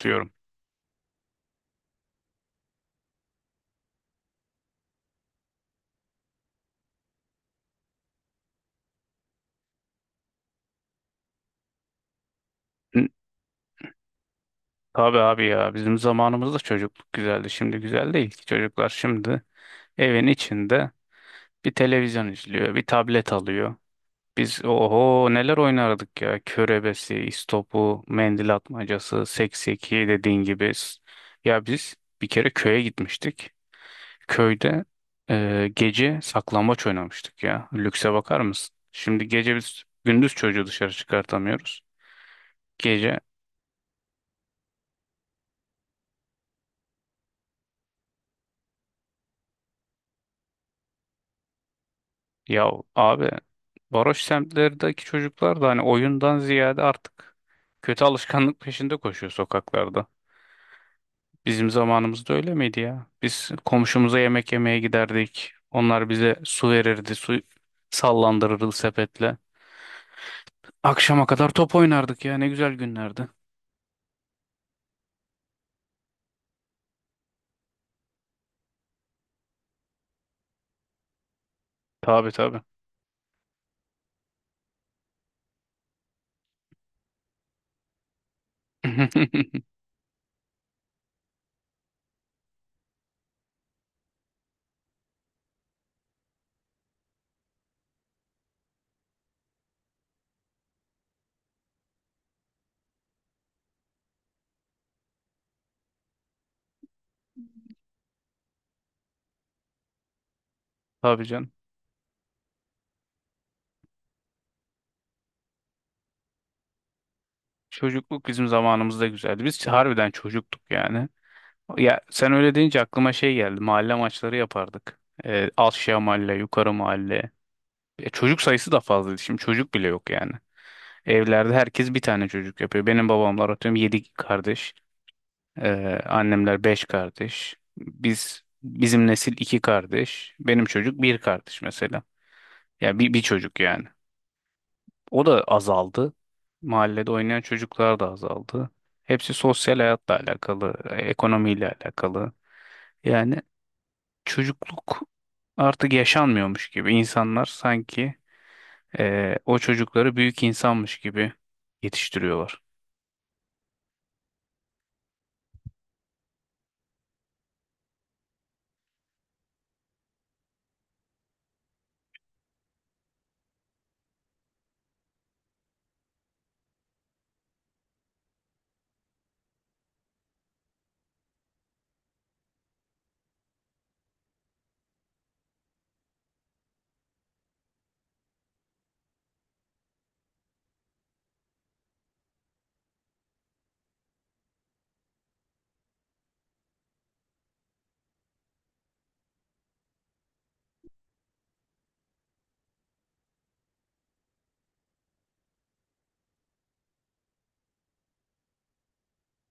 Diyorum. Hı, tabii abi ya bizim zamanımızda çocukluk güzeldi. Şimdi güzel değil ki çocuklar şimdi evin içinde bir televizyon izliyor, bir tablet alıyor. Biz oho neler oynardık ya. Körebesi, istopu, mendil atmacası, sekseki dediğin gibi. S- ya biz bir kere köye gitmiştik. Köyde gece saklambaç oynamıştık ya. Lükse bakar mısın? Şimdi gece biz gündüz çocuğu dışarı çıkartamıyoruz. Gece ya abi varoş semtlerdeki çocuklar da hani oyundan ziyade artık kötü alışkanlık peşinde koşuyor sokaklarda. Bizim zamanımızda öyle miydi ya? Biz komşumuza yemek yemeye giderdik. Onlar bize su verirdi, su sallandırırdı sepetle. Akşama kadar top oynardık ya, ne güzel günlerdi. Tabii tabii. Tabii canım. Çocukluk bizim zamanımızda güzeldi. Biz harbiden çocuktuk yani. Ya sen öyle deyince aklıma şey geldi. Mahalle maçları yapardık. Aşağı mahalle, yukarı mahalle. E, çocuk sayısı da fazlaydı. Şimdi çocuk bile yok yani. Evlerde herkes bir tane çocuk yapıyor. Benim babamlar atıyorum 7 kardeş. Annemler beş kardeş. Biz bizim nesil iki kardeş. Benim çocuk bir kardeş mesela. Ya bir çocuk yani. O da azaldı. Mahallede oynayan çocuklar da azaldı. Hepsi sosyal hayatla alakalı, ekonomiyle alakalı. Yani çocukluk artık yaşanmıyormuş gibi. İnsanlar sanki o çocukları büyük insanmış gibi yetiştiriyorlar.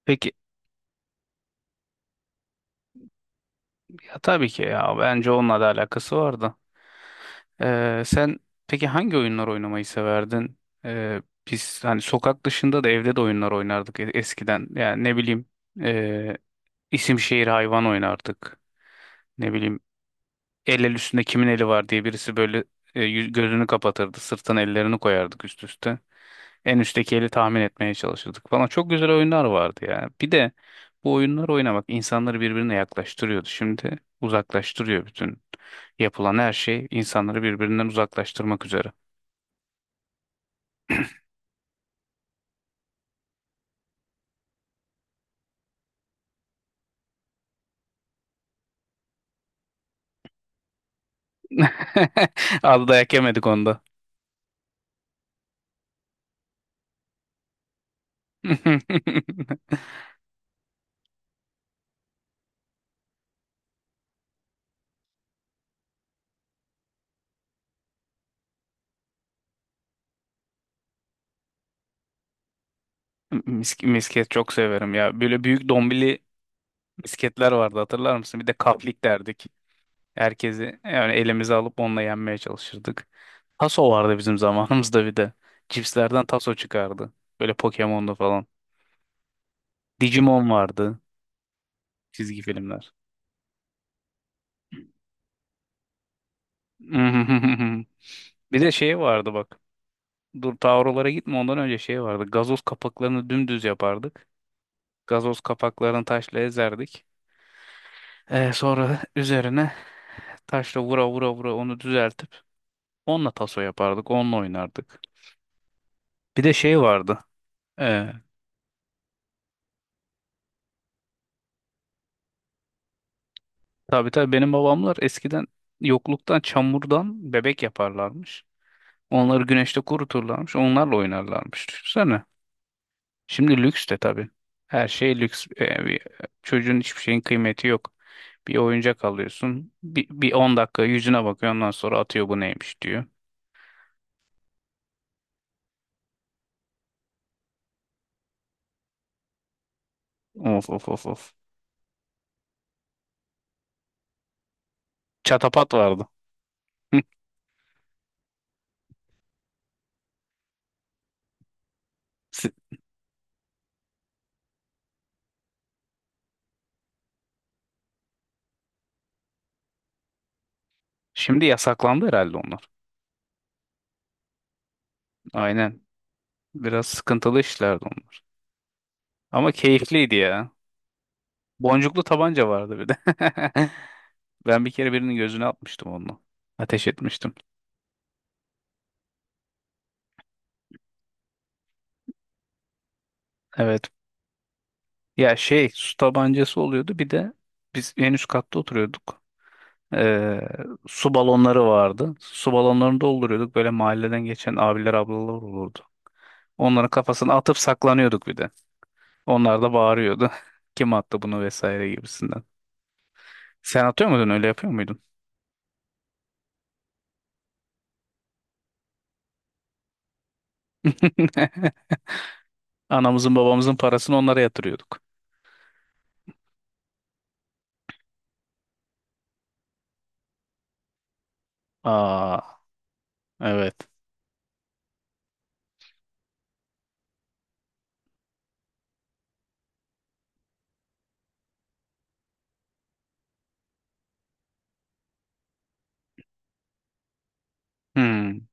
Peki ya tabii ki ya bence onunla da alakası vardı. Sen peki hangi oyunlar oynamayı severdin? Ee, Biz hani sokak dışında da evde de oyunlar oynardık eskiden. Yani ne bileyim e, isim şehir hayvan oynardık. Ne bileyim el el üstünde kimin eli var diye birisi böyle gözünü kapatırdı. Sırtına ellerini koyardık üst üste. En üstteki eli tahmin etmeye çalışırdık falan. Çok güzel oyunlar vardı ya. Bir de bu oyunlar oynamak insanları birbirine yaklaştırıyordu. Şimdi uzaklaştırıyor bütün yapılan her şey insanları birbirinden uzaklaştırmak üzere. Az dayak yemedik onda. Misket çok severim ya. Böyle büyük dombili misketler vardı hatırlar mısın? Bir de kaplik derdik. Herkesi yani elimize alıp onunla yenmeye çalışırdık. Taso vardı bizim zamanımızda bir de. Cipslerden taso çıkardı. Böyle Pokemon'da falan. Digimon vardı. Çizgi filmler. Bir de şey vardı bak. Dur tavrolara gitme ondan önce şey vardı. Gazoz kapaklarını dümdüz yapardık. Gazoz kapaklarını taşla ezerdik. Sonra üzerine taşla vura vura vura onu düzeltip onunla taso yapardık. Onunla oynardık. Bir de şey vardı. E, Tabii tabii benim babamlar eskiden yokluktan çamurdan bebek yaparlarmış. Onları güneşte kuruturlarmış. Onlarla oynarlarmış. Düşünsene. Şimdi lüks de tabii. Her şey lüks. Çocuğun hiçbir şeyin kıymeti yok. Bir oyuncak alıyorsun. Bir 10 dakika yüzüne bakıyor. Ondan sonra atıyor bu neymiş diyor. Of of of of. Çatapat vardı. Si- şimdi yasaklandı herhalde onlar. Aynen. Biraz sıkıntılı işlerdi onlar. Ama keyifliydi ya. Boncuklu tabanca vardı bir de. Ben bir kere birinin gözüne atmıştım onunla. Ateş etmiştim. Evet. Ya şey su tabancası oluyordu. Bir de biz en üst katta oturuyorduk. Ee, Su balonları vardı. Su balonlarını dolduruyorduk. Böyle mahalleden geçen abiler ablalar olurdu. Onların kafasına atıp saklanıyorduk bir de. Onlar da bağırıyordu. Kim attı bunu vesaire gibisinden. Sen atıyor muydun öyle yapıyor muydun? Anamızın babamızın parasını onlara yatırıyorduk. Aa evet. Hmm.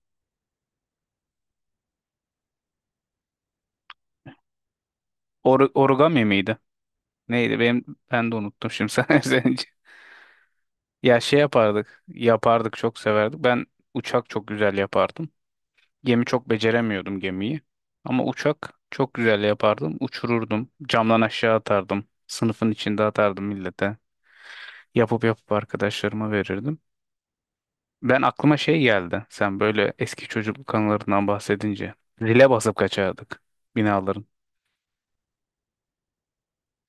Or origami miydi? Neydi? Benim ben de unuttum şimdi sen söyleyince. Ya şey yapardık. Yapardık çok severdik. Ben uçak çok güzel yapardım. Gemi çok beceremiyordum gemiyi. Ama uçak çok güzel yapardım. Uçururdum. Camdan aşağı atardım. Sınıfın içinde atardım millete. Yapıp yapıp arkadaşlarıma verirdim. Ben aklıma şey geldi. Sen böyle eski çocukluk anılarından bahsedince. Zile basıp kaçardık binaların.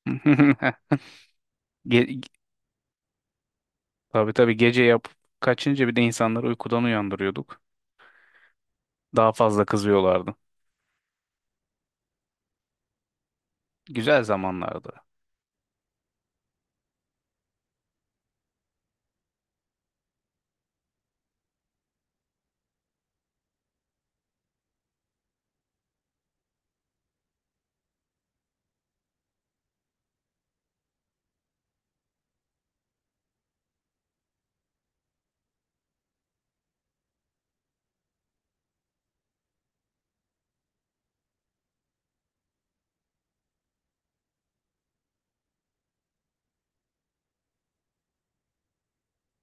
Ge tabii tabii gece yapıp kaçınca bir de insanları uykudan uyandırıyorduk. Daha fazla kızıyorlardı. Güzel zamanlardı.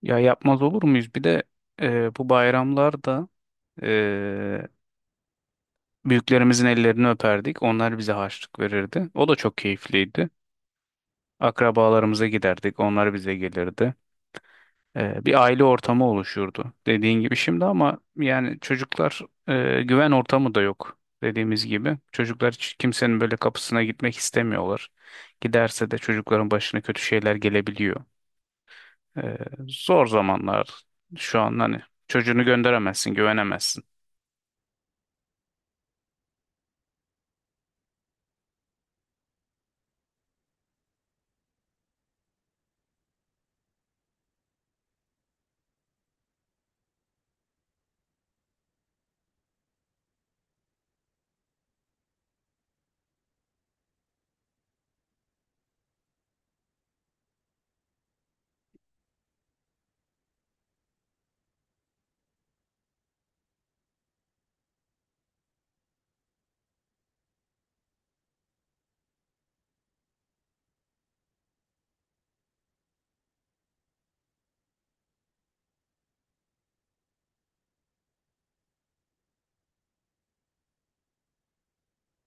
Ya yapmaz olur muyuz? Bir de bu bayramlarda e, büyüklerimizin ellerini öperdik. Onlar bize harçlık verirdi. O da çok keyifliydi. Akrabalarımıza giderdik. Onlar bize gelirdi. E, bir aile ortamı oluşurdu. Dediğin gibi şimdi ama yani çocuklar güven ortamı da yok. Dediğimiz gibi çocuklar hiç kimsenin böyle kapısına gitmek istemiyorlar. Giderse de çocukların başına kötü şeyler gelebiliyor. Ee, Zor zamanlar şu an hani çocuğunu gönderemezsin, güvenemezsin.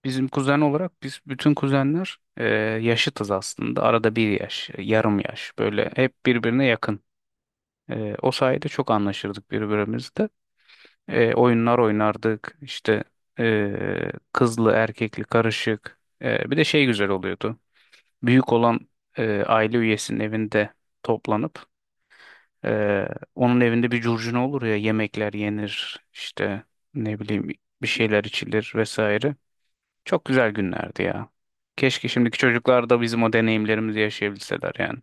Bizim kuzen olarak biz bütün kuzenler yaşıtız aslında. Arada bir yaş, yarım yaş böyle hep birbirine yakın. E, o sayede çok anlaşırdık birbirimizle. E, oyunlar oynardık işte kızlı erkekli karışık. E, bir de şey güzel oluyordu. Büyük olan aile üyesinin evinde toplanıp Ee, onun evinde bir curcuna olur ya yemekler yenir işte ne bileyim bir şeyler içilir vesaire. Çok güzel günlerdi ya. Keşke şimdiki çocuklar da bizim o deneyimlerimizi yaşayabilseler yani.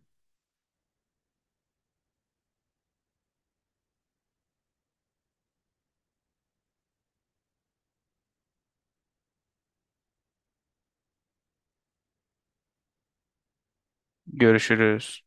Görüşürüz.